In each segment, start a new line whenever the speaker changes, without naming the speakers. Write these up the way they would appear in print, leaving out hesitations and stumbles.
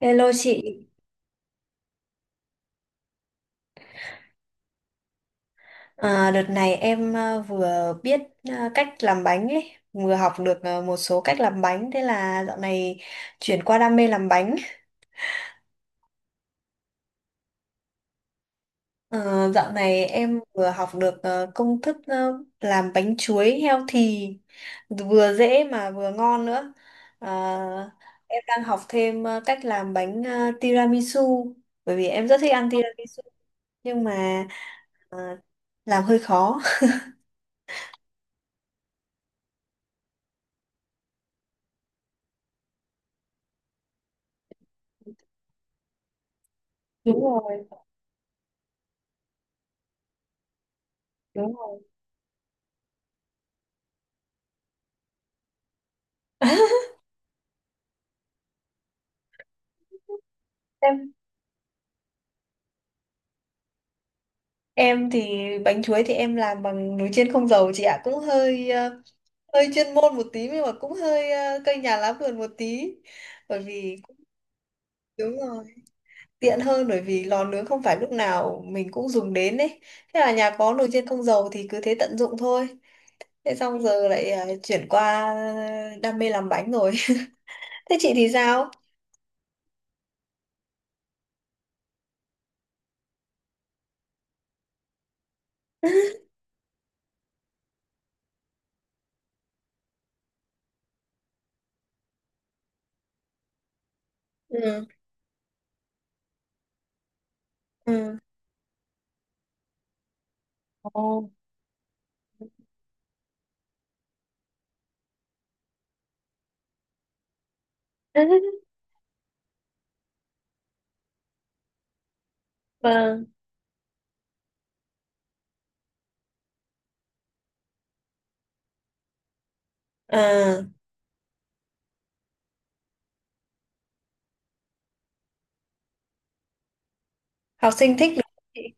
Hello chị, đợt này em vừa biết cách làm bánh ấy, vừa học được một số cách làm bánh, thế là dạo này chuyển qua đam mê làm bánh. Ờ, dạo này em vừa học được công thức làm bánh chuối healthy, vừa dễ mà vừa ngon nữa. À, em đang học thêm cách làm bánh tiramisu, bởi vì em rất thích ăn tiramisu, nhưng mà à, làm hơi khó. Đúng rồi, đúng rồi. Em Em thì bánh chuối thì em làm bằng nồi chiên không dầu chị ạ, cũng hơi hơi chuyên môn một tí nhưng mà cũng hơi cây nhà lá vườn một tí. Bởi vì đúng rồi, tiện hơn bởi vì lò nướng không phải lúc nào mình cũng dùng đến ấy. Thế là nhà có nồi chiên không dầu thì cứ thế tận dụng thôi. Thế xong giờ lại chuyển qua đam mê làm bánh rồi. Thế chị thì sao? Ừ. Ừ. Ồ. Vâng. À, học sinh thích đúng không chị?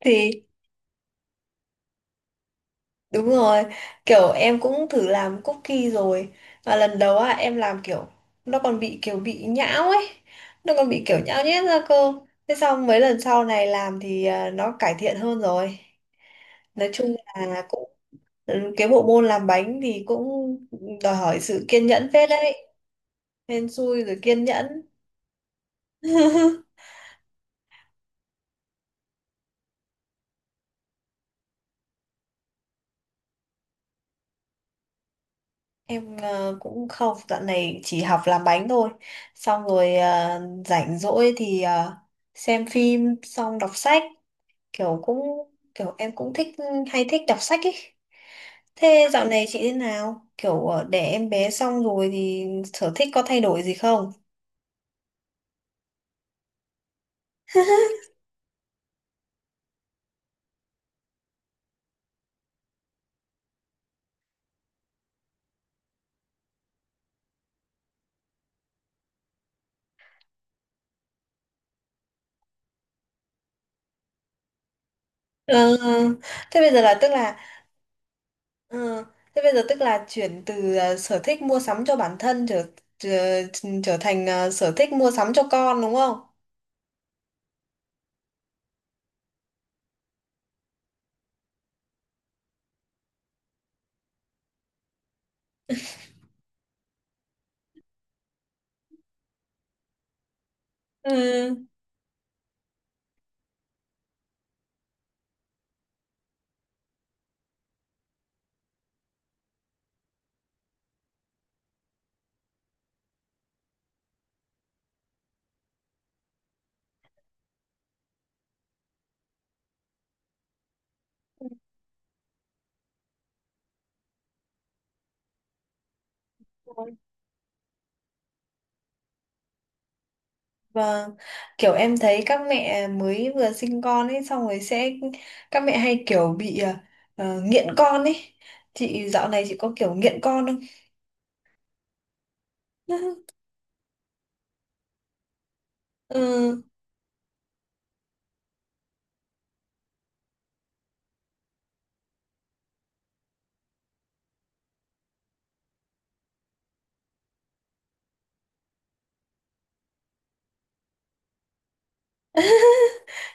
Thì đúng rồi, kiểu em cũng thử làm cookie rồi. Và lần đầu á em làm kiểu nó còn bị kiểu bị nhão ấy, nó còn bị kiểu nhão nhét ra cơ. Thế xong mấy lần sau này làm thì nó cải thiện hơn rồi. Nói chung là cũng ừ, cái bộ môn làm bánh thì cũng đòi hỏi sự kiên nhẫn phết đấy. Hên xui rồi kiên nhẫn. Em cũng không, dạo này chỉ học làm bánh thôi. Xong rồi rảnh rỗi thì xem phim, xong đọc sách, kiểu cũng kiểu em cũng thích hay thích đọc sách ấy. Thế dạo này chị thế nào? Kiểu đẻ em bé xong rồi thì sở thích có thay đổi gì không? Ờ, thế bây giờ là tức là ờ, thế bây giờ tức là chuyển từ sở thích mua sắm cho bản thân trở trở, trở thành sở thích mua sắm cho con đúng không? Ừ. Vâng, kiểu em thấy các mẹ mới vừa sinh con ấy xong rồi sẽ các mẹ hay kiểu bị nghiện con ấy. Chị dạo này chị có kiểu nghiện con không? Ừ,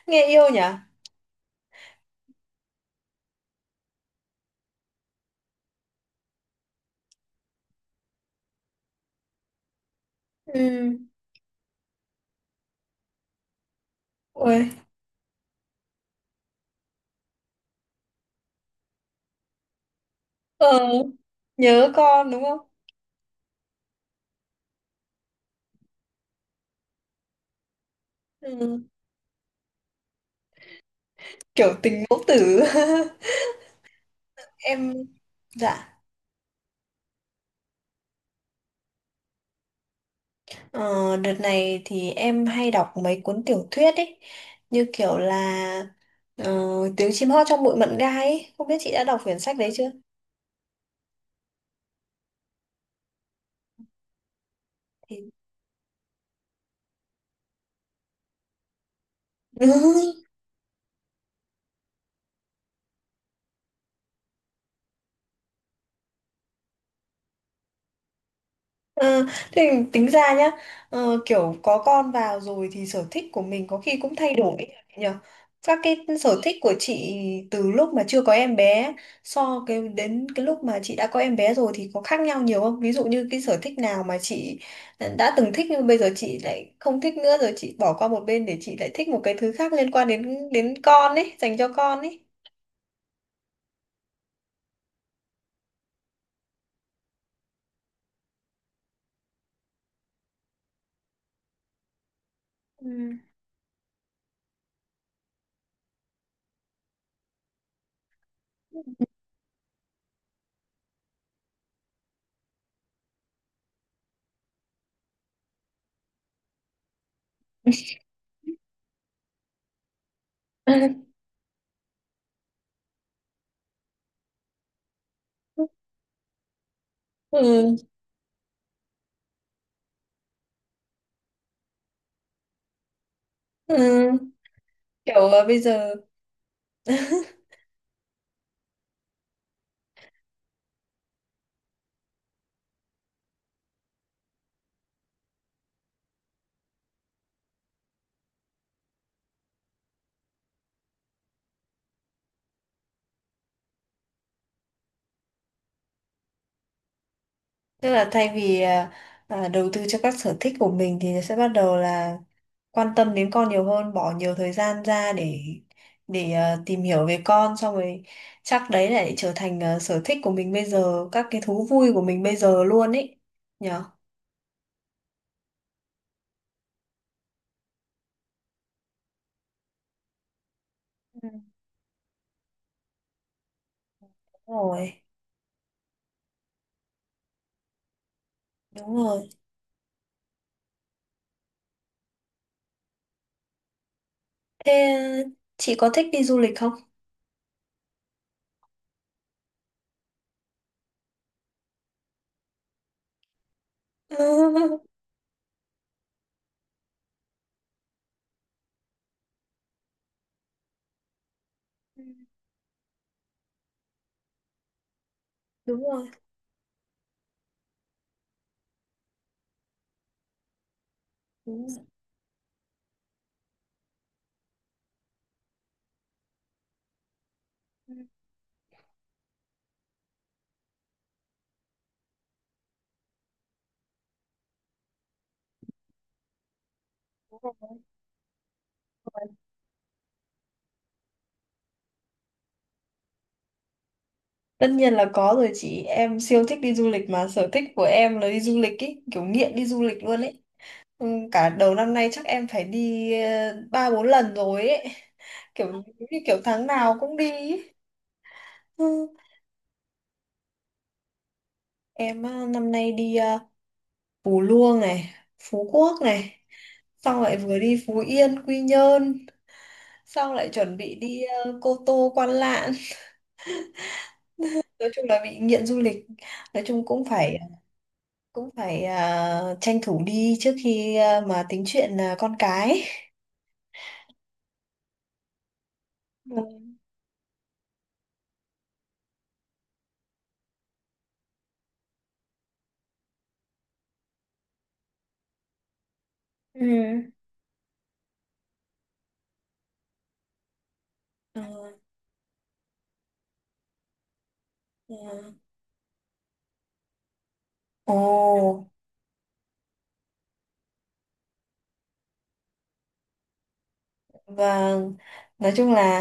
nghe yêu nhỉ? Ừ. Ôi, ờ, nhớ con đúng không? Ừ. Kiểu tình mẫu tử. Em dạ, ờ, đợt này thì em hay đọc mấy cuốn tiểu thuyết ấy, như kiểu là ờ, Tiếng chim hót trong bụi mận gai ấy. Không biết chị đã đọc quyển sách đấy chưa? Thì... Ờ, thì tính ra nhá kiểu có con vào rồi thì sở thích của mình có khi cũng thay đổi ấy nhỉ. Các cái sở thích của chị từ lúc mà chưa có em bé so cái đến cái lúc mà chị đã có em bé rồi thì có khác nhau nhiều không, ví dụ như cái sở thích nào mà chị đã từng thích nhưng bây giờ chị lại không thích nữa rồi chị bỏ qua một bên để chị lại thích một cái thứ khác liên quan đến đến con ấy dành cho con ấy. Ừ. Ừ. Ừ, kiểu bây giờ. Tức là thay vì đầu tư cho các sở thích của mình thì sẽ bắt đầu là quan tâm đến con nhiều hơn, bỏ nhiều thời gian ra để tìm hiểu về con xong rồi chắc đấy lại trở thành sở thích của mình bây giờ, các cái thú vui của mình bây giờ luôn ấy. Nhở? Ừ. Đúng rồi, đúng rồi. Thế à, chị có thích đi du lịch không? Ừ. Đúng rồi, đúng rồi. Ừ. Đúng rồi. Tất nhiên là có rồi chị, em siêu thích đi du lịch mà sở thích của em là đi du lịch ý, kiểu nghiện đi du lịch luôn ấy. Ừ, cả đầu năm nay chắc em phải đi ba bốn lần rồi ấy, kiểu như kiểu tháng nào cũng đi ý. Ừ. Em năm nay đi Phú Luông này, Phú Quốc này, xong lại vừa đi Phú Yên, Quy Nhơn, xong lại chuẩn bị đi Cô Tô, Quan Lạn. Nói chung là bị nghiện du lịch, nói chung cũng phải tranh thủ đi trước khi mà tính chuyện con cái. Ừ. Ờ, ờ. Ồ, vâng. Nói chung là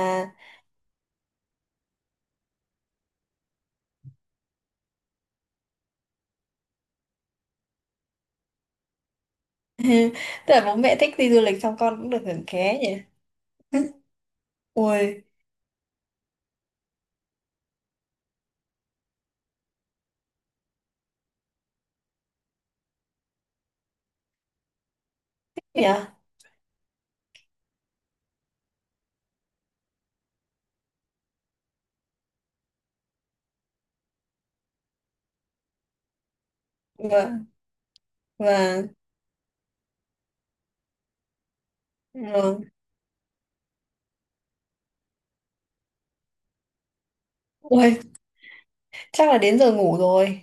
tức là bố mẹ thích đi du lịch xong con cũng được hưởng ké nhỉ. Ui, thế nhỉ? Vâng, vâng, vâng. Ui, chắc là đến giờ ngủ rồi.